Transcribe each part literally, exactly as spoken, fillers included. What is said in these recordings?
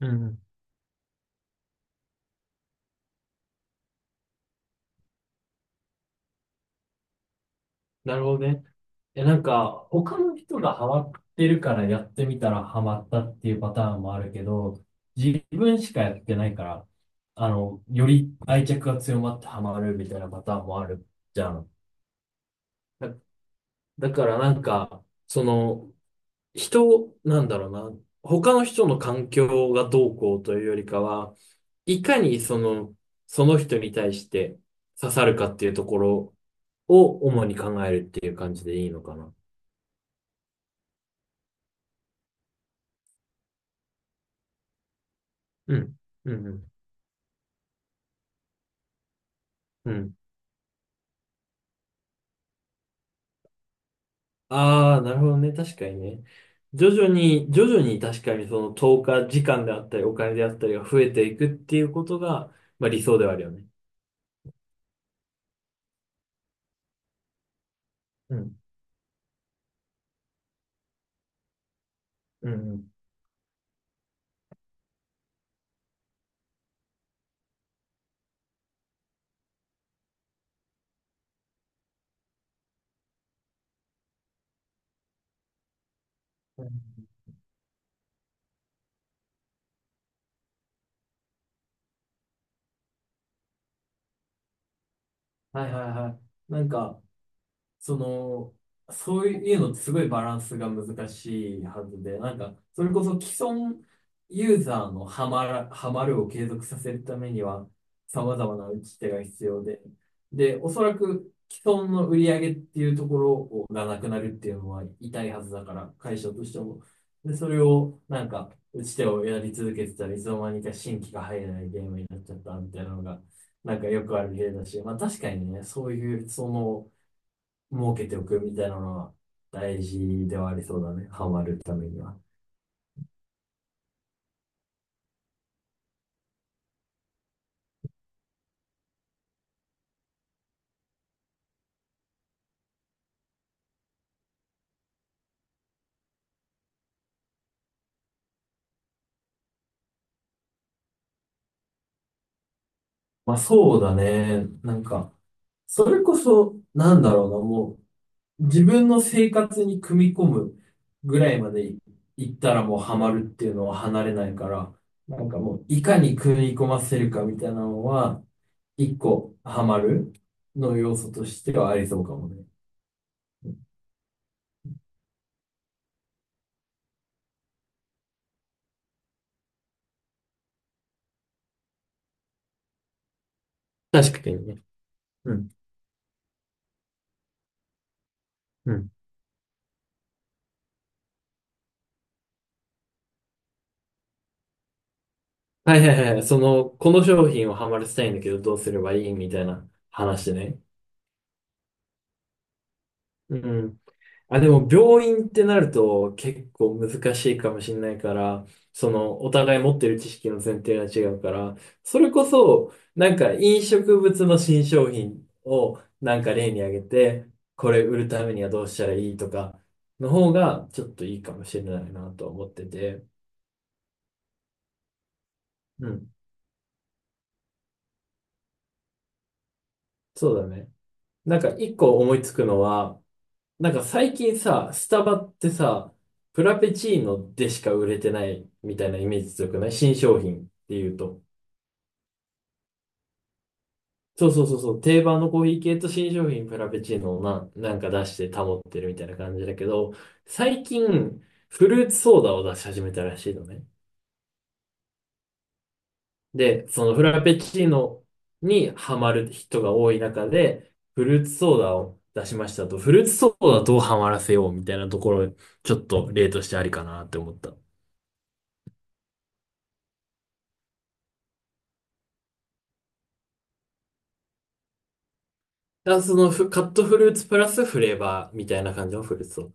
うん。なるほどね。え、なんか、他の人がハマってるからやってみたらハマったっていうパターンもあるけど、自分しかやってないから、あの、より愛着が強まってハマるみたいなパターンもあるじゃん。だ、だからなんか、その、人、なんだろうな、他の人の環境がどうこうというよりかは、いかにその、その人に対して刺さるかっていうところを主に考えるっていう感じでいいのかな。うん、うん、うん。うん。ああ、なるほどね。確かにね。徐々に、徐々に確かにその投下時間であったり、お金であったりが増えていくっていうことが、まあ理想ではあるよね。うん、うん、うん。はいはいはい。なんか、その、そういうのってすごいバランスが難しいはずで、なんか、それこそ既存ユーザーのハマら、ハマるを継続させるためには、様々な打ち手が必要で、で、おそらく既存の売り上げっていうところをがなくなるっていうのは痛いはずだから、会社としても。で、それを、なんか、打ち手をやり続けてたらいつの間にか新規が入らないゲームになっちゃったみたいなのが、なんかよくある例だし、まあ確かにね、そういう、その、儲けておくみたいなのは大事ではありそうだね。ハマるためには。まあそうだね。なんか、それこそ、なんだろうな、もう、自分の生活に組み込むぐらいまでい行ったらもうハマるっていうのは離れないから、なんかもういかに組み込ませるかみたいなのは、一個ハマるの要素としてはありそうかもね。確かにね。うん。うん。はいはいはい。その、この商品をハマらせたいんだけど、どうすればいいみたいな話ね。うん。あ、でも病院ってなると結構難しいかもしれないから、そのお互い持ってる知識の前提が違うから、それこそなんか飲食物の新商品をなんか例に挙げて、これ売るためにはどうしたらいいとかの方がちょっといいかもしれないなと思ってて。うん、そうだね。なんか一個思いつくのは、なんか最近さ、スタバってさ、プラペチーノでしか売れてないみたいなイメージ強くない新商品っていうと。そうそうそうそう、定番のコーヒー系と新商品フラペチーノをな、なんか出して保ってるみたいな感じだけど、最近フルーツソーダを出し始めたらしいのね。で、そのフラペチーノにハマる人が多い中で、フルーツソーダを出しましたと、フルーツソーダどうハマらせようみたいなところ、ちょっと例としてありかなって思った。だからそのフカットフルーツプラスフレーバーみたいな感じのフルーツソーダ。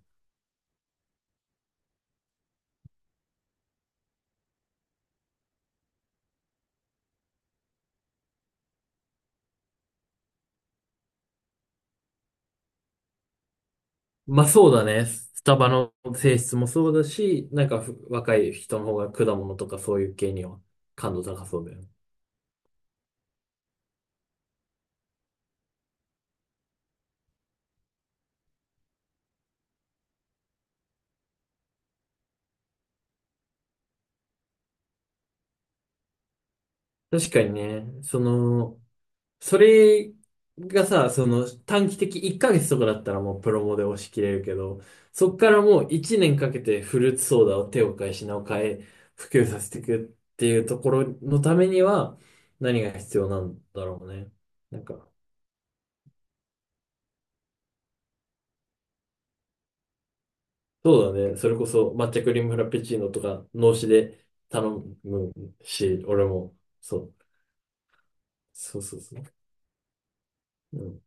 まあそうだね。スタバの性質もそうだし、なんかふ若い人の方が果物とかそういう系には感度高そうだよね。確かにね、その、それがさ、その短期的いっかげつとかだったらもうプロモで押し切れるけど、そっからもういちねんかけてフルーツソーダを手を変え品を変え普及させていくっていうところのためには何が必要なんだろうね。なんかそうだね。それこそ抹茶クリームフラペチーノとか、脳死で頼むし、俺も、そう。そうそうそう。うん。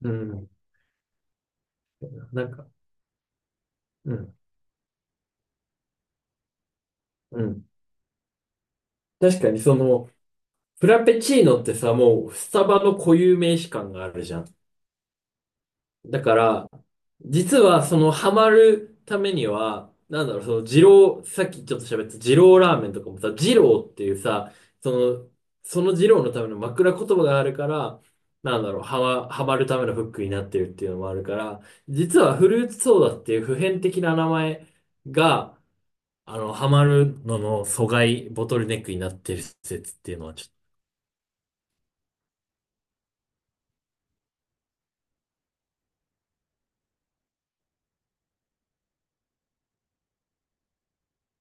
うん。なんか、うん。うん。確かにその、フラペチーノってさ、もう、スタバの固有名詞感があるじゃん。だから、実はそのハマるためには、なんだろう、その二郎、さっきちょっと喋った二郎ラーメンとかもさ、二郎っていうさ、その、その二郎のための枕言葉があるから、なんだろう、ハマ、ハマるためのフックになってるっていうのもあるから、実はフルーツソーダっていう普遍的な名前が、あの、ハマるのの阻害、ボトルネックになってる説っていうのはちょっと、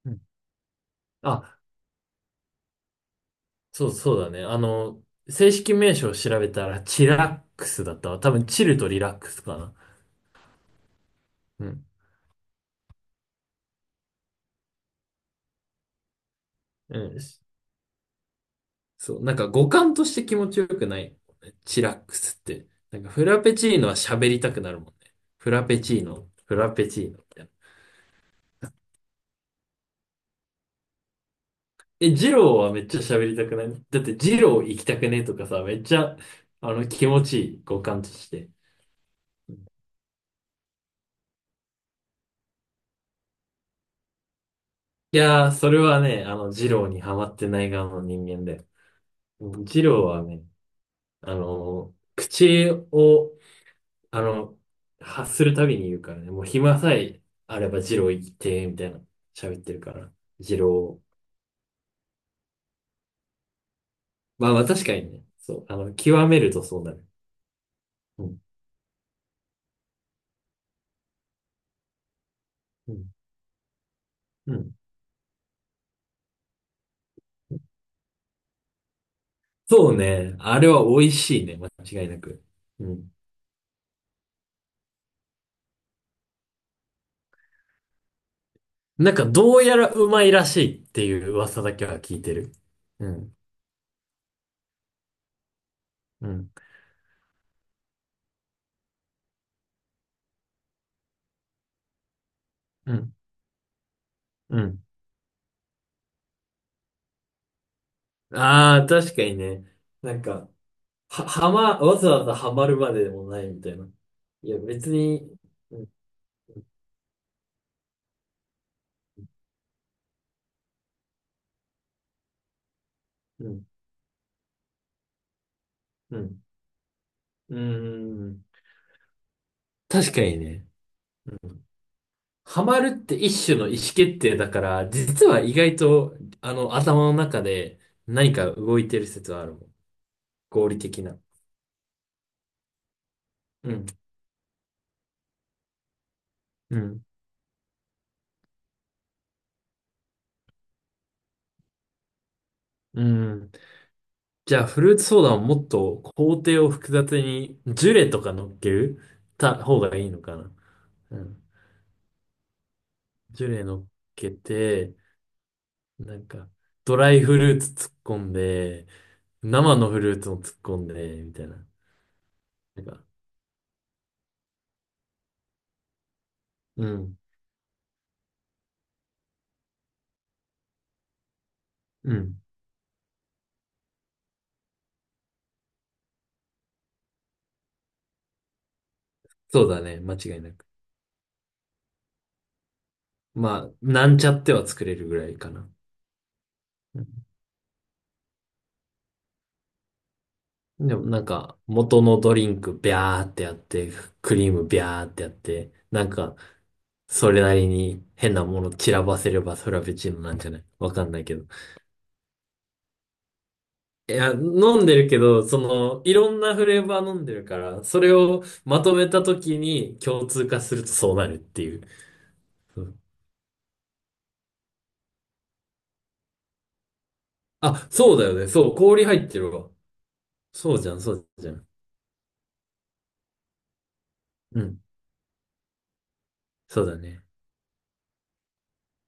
うん。あそう、そうだね。あの、正式名称を調べたら、チラックスだったわ。多分、チルとリラックスかな。うん。うん。しそう。なんか、語感として気持ちよくない。チラックスって。なんか、フラペチーノは喋りたくなるもんね。フラペチーノ、フラペチーノみたいな。え、ジローはめっちゃ喋りたくないだって、ジロー行きたくねとかさ、めっちゃ、あの、気持ちいい、語感として。いやー、それはね、あの、ジローにハマってない側の人間だよ。うん。ジローはね、あの、口を、あの、発するたびに言うからね、もう暇さえあれば二郎行って、みたいな、喋ってるから、二郎。まあまあ確かにね、そう、あの、極めるとそうなる。うん、うん、うん。そうね、あれは美味しいね、間違いなく。うん。なんかどうやらうまいらしいっていう噂だけは聞いてる。うん、うん、うん、うん。ああ、確かにね。なんか、は、はま、わざわざハマるまででもないみたいな。いや、別に、うん、うん、うん、うーん。確かにね。うん。ハマるって一種の意思決定だから、実は意外と、あの、頭の中で何か動いてる説はあるもん。合理的な。うん、うん、うん。じゃあ、フルーツソーダをもっと工程を複雑に、ジュレとか乗っけるた方がいいのかな。うん。ジュレ乗っけて、なんか、ドライフルーツ突っ込んで、生のフルーツも突っ込んで、みたいな。なんか、うん、うん。そうだね、間違いなく。まあ、なんちゃっては作れるぐらいかな。うん。でもなんか、元のドリンクビャーってやって、クリームビャーってやって、なんか、それなりに変なもの散らばせればそれは別チーノなんじゃないわかんないけど。いや、飲んでるけど、その、いろんなフレーバー飲んでるから、それをまとめたときに共通化するとそうなるっていう。そう。あ、そうだよね。そう、氷入ってるわ。そうじゃん、そうじゃん。うん、そうだね。